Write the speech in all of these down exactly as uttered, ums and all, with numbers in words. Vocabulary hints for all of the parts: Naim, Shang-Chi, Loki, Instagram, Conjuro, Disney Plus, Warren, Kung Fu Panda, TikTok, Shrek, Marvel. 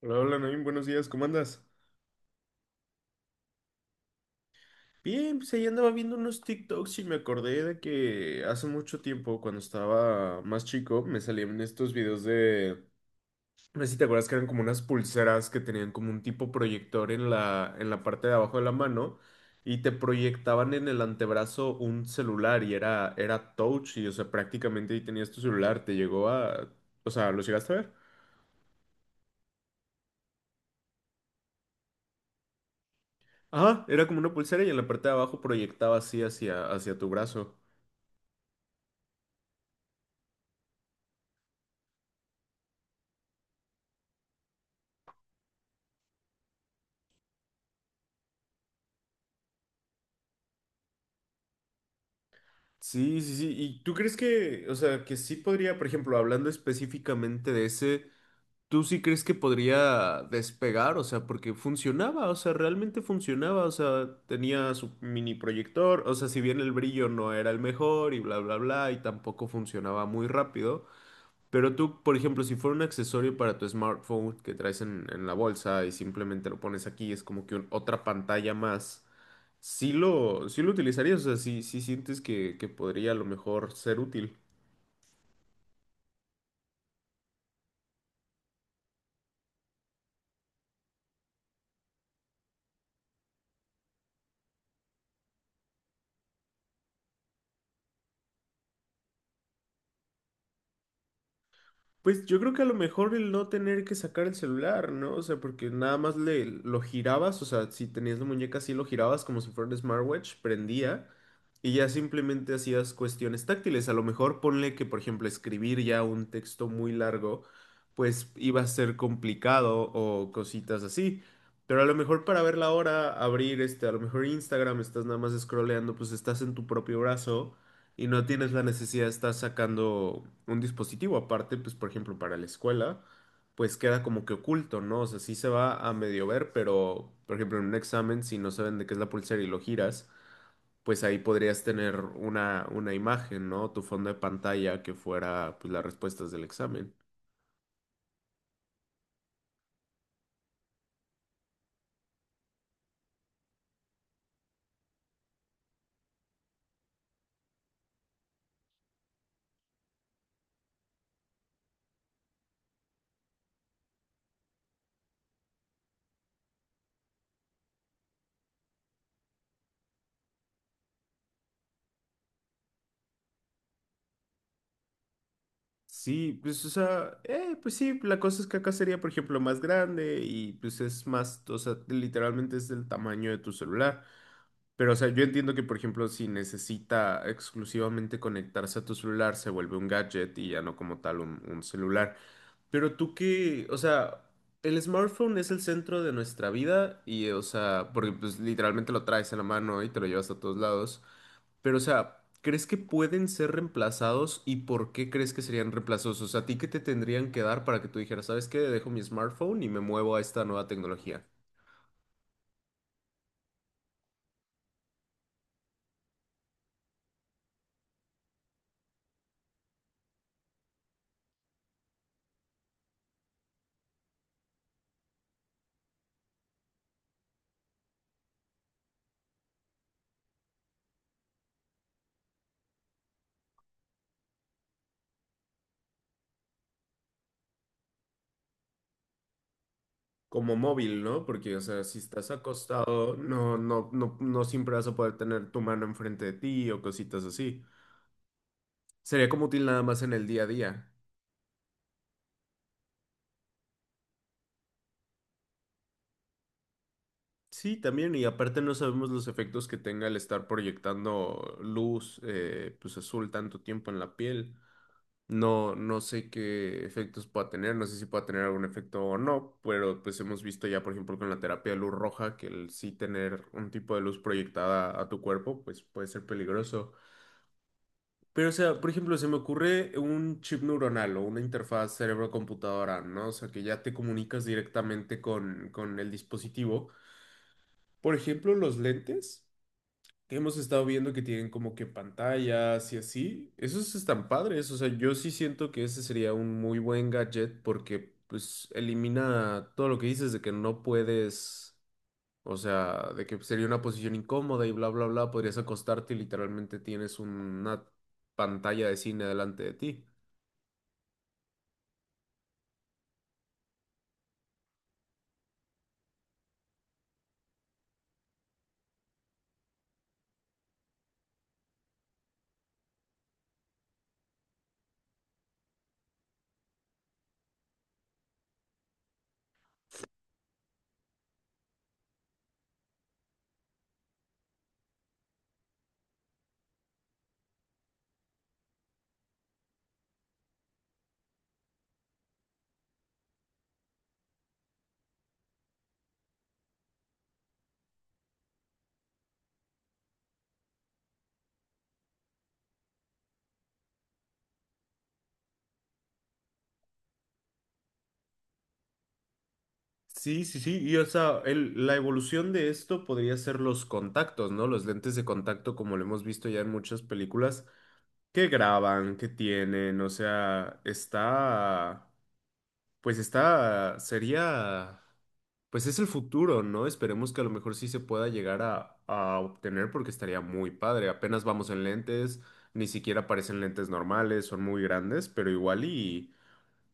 Hola, hola, Naim, buenos días, ¿cómo andas? Bien, pues ahí andaba viendo unos TikToks y me acordé de que hace mucho tiempo, cuando estaba más chico, me salían estos videos de, no sé si te acuerdas que eran como unas pulseras que tenían como un tipo proyector en la, en la parte de abajo de la mano y te proyectaban en el antebrazo un celular y era, era touch y, o sea, prácticamente ahí tenías tu celular, te llegó a, o sea, ¿lo llegaste a ver? Ajá, era como una pulsera y en la parte de abajo proyectaba así hacia, hacia tu brazo. Sí, sí, sí. ¿Y tú crees que, o sea, que sí podría, por ejemplo, hablando específicamente de ese, tú sí crees que podría despegar? O sea, porque funcionaba, o sea, realmente funcionaba, o sea, tenía su mini proyector, o sea, si bien el brillo no era el mejor y bla, bla, bla, y tampoco funcionaba muy rápido, pero tú, por ejemplo, si fuera un accesorio para tu smartphone que traes en, en la bolsa y simplemente lo pones aquí, es como que un- otra pantalla más. Sí lo, sí lo utilizarías, o sea, sí, sí sientes que, que podría a lo mejor ser útil. Pues yo creo que a lo mejor el no tener que sacar el celular, ¿no? O sea, porque nada más le, lo girabas, o sea, si tenías la muñeca así lo girabas como si fuera un smartwatch, prendía y ya simplemente hacías cuestiones táctiles. A lo mejor ponle que, por ejemplo, escribir ya un texto muy largo, pues iba a ser complicado o cositas así. Pero a lo mejor para ver la hora, abrir este, a lo mejor Instagram, estás nada más scrolleando, pues estás en tu propio brazo y no tienes la necesidad de estar sacando un dispositivo aparte, pues por ejemplo para la escuela, pues queda como que oculto, ¿no? O sea, sí se va a medio ver, pero por ejemplo en un examen, si no saben de qué es la pulsera y lo giras, pues ahí podrías tener una, una imagen, ¿no? Tu fondo de pantalla que fuera pues las respuestas del examen. Sí, pues o sea, eh, pues sí, la cosa es que acá sería, por ejemplo, más grande y pues es más, o sea, literalmente es del tamaño de tu celular. Pero, o sea, yo entiendo que, por ejemplo, si necesita exclusivamente conectarse a tu celular, se vuelve un gadget y ya no como tal un, un celular. Pero tú qué, o sea, el smartphone es el centro de nuestra vida y, o sea, porque pues literalmente lo traes en la mano y te lo llevas a todos lados. Pero, o sea, ¿crees que pueden ser reemplazados y por qué crees que serían reemplazados? O sea, ¿a ti qué te tendrían que dar para que tú dijeras, ¿sabes qué? Dejo mi smartphone y me muevo a esta nueva tecnología. Como móvil, ¿no? Porque, o sea, si estás acostado, no, no, no, no siempre vas a poder tener tu mano enfrente de ti o cositas así. Sería como útil nada más en el día a día. Sí, también, y aparte no sabemos los efectos que tenga el estar proyectando luz, eh, pues azul tanto tiempo en la piel. No, no sé qué efectos pueda tener, no sé si pueda tener algún efecto o no, pero pues hemos visto ya, por ejemplo, con la terapia de luz roja, que el sí tener un tipo de luz proyectada a tu cuerpo, pues puede ser peligroso. Pero, o sea, por ejemplo, se me ocurre un chip neuronal o una interfaz cerebro-computadora, ¿no? O sea, que ya te comunicas directamente con, con el dispositivo. Por ejemplo, los lentes que hemos estado viendo que tienen como que pantallas y así, esos están padres. O sea, yo sí siento que ese sería un muy buen gadget porque, pues, elimina todo lo que dices de que no puedes. O sea, de que sería una posición incómoda y bla, bla, bla, podrías acostarte y literalmente tienes una pantalla de cine delante de ti. Sí, sí, sí, y o sea, el- la evolución de esto podría ser los contactos, ¿no? Los lentes de contacto, como lo hemos visto ya en muchas películas, que graban, que tienen, o sea, está... Pues está, sería, pues es el futuro, ¿no? Esperemos que a lo mejor sí se pueda llegar a, a obtener porque estaría muy padre. Apenas vamos en lentes, ni siquiera parecen lentes normales, son muy grandes, pero igual y,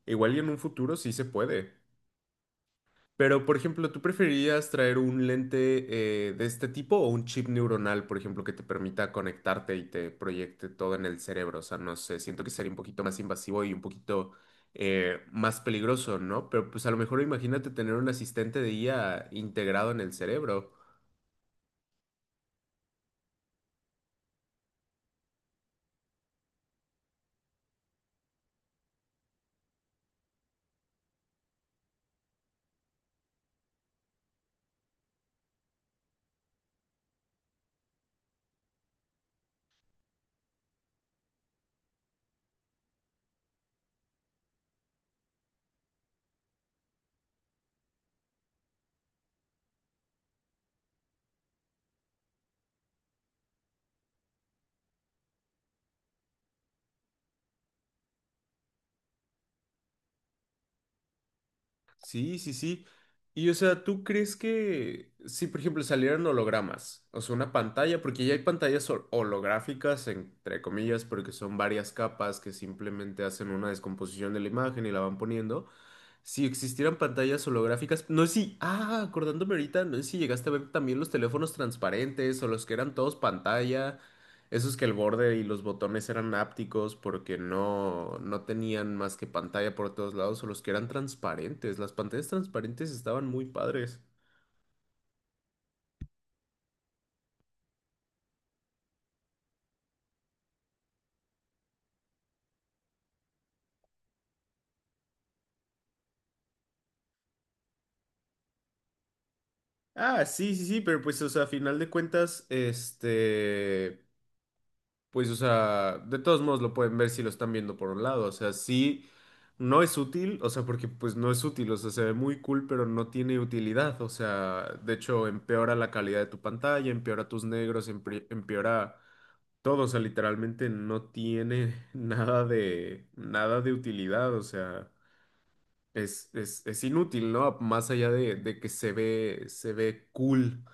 igual y en un futuro sí se puede. Pero, por ejemplo, ¿tú preferirías traer un lente eh, de este tipo o un chip neuronal, por ejemplo, que te permita conectarte y te proyecte todo en el cerebro? O sea, no sé, siento que sería un poquito más invasivo y un poquito eh, más peligroso, ¿no? Pero pues a lo mejor imagínate tener un asistente de I A integrado en el cerebro. Sí, sí, sí. Y o sea, ¿tú crees que si, por ejemplo, salieran hologramas, o sea, una pantalla, porque ya hay pantallas hol- holográficas, entre comillas, porque son varias capas que simplemente hacen una descomposición de la imagen y la van poniendo, si existieran pantallas holográficas, no sé si, ah, acordándome ahorita, no sé si llegaste a ver también los teléfonos transparentes o los que eran todos pantalla, esos que el borde y los botones eran ápticos porque no, no tenían más que pantalla por todos lados o los que eran transparentes, las pantallas transparentes estaban muy padres. Ah, sí, sí, sí, pero pues, o sea, a final de cuentas, este... Pues, o sea, de todos modos lo pueden ver si lo están viendo por un lado. O sea, sí, no es útil, o sea, porque pues no es útil, o sea, se ve muy cool, pero no tiene utilidad. O sea, de hecho, empeora la calidad de tu pantalla, empeora tus negros, empe- empeora todo. O sea, literalmente no tiene nada de, nada de utilidad. O sea, es, es, es inútil, ¿no? Más allá de, de que se ve, se ve cool.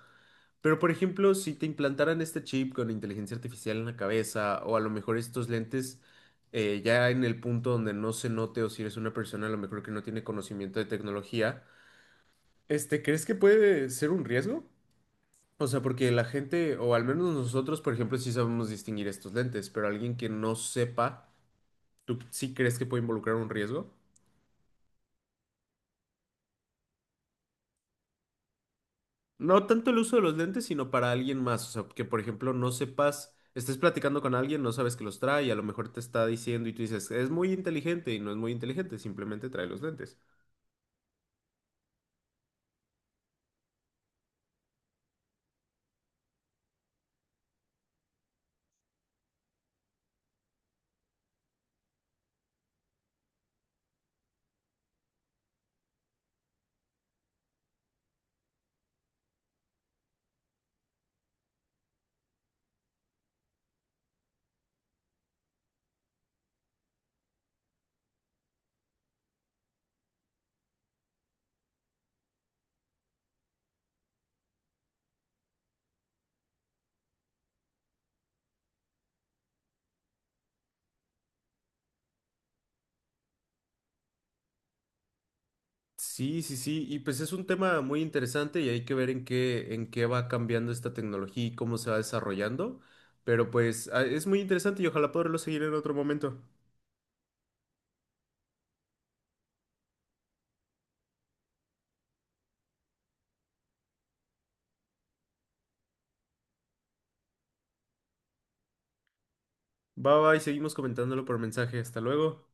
Pero, por ejemplo, si te implantaran este chip con inteligencia artificial en la cabeza, o a lo mejor estos lentes eh, ya en el punto donde no se note, o si eres una persona a lo mejor que no tiene conocimiento de tecnología, este, ¿crees que puede ser un riesgo? O sea, porque la gente, o al menos nosotros, por ejemplo, sí sabemos distinguir estos lentes, pero alguien que no sepa, ¿tú sí crees que puede involucrar un riesgo? No tanto el uso de los lentes, sino para alguien más. O sea, que por ejemplo no sepas, estés platicando con alguien, no sabes que los trae, y a lo mejor te está diciendo y tú dices, es muy inteligente y no es muy inteligente, simplemente trae los lentes. Sí, sí, sí, y pues es un tema muy interesante y hay que ver en qué, en qué va cambiando esta tecnología y cómo se va desarrollando. Pero pues ah, es muy interesante y ojalá poderlo seguir en otro momento. Bye bye, seguimos comentándolo por mensaje. Hasta luego.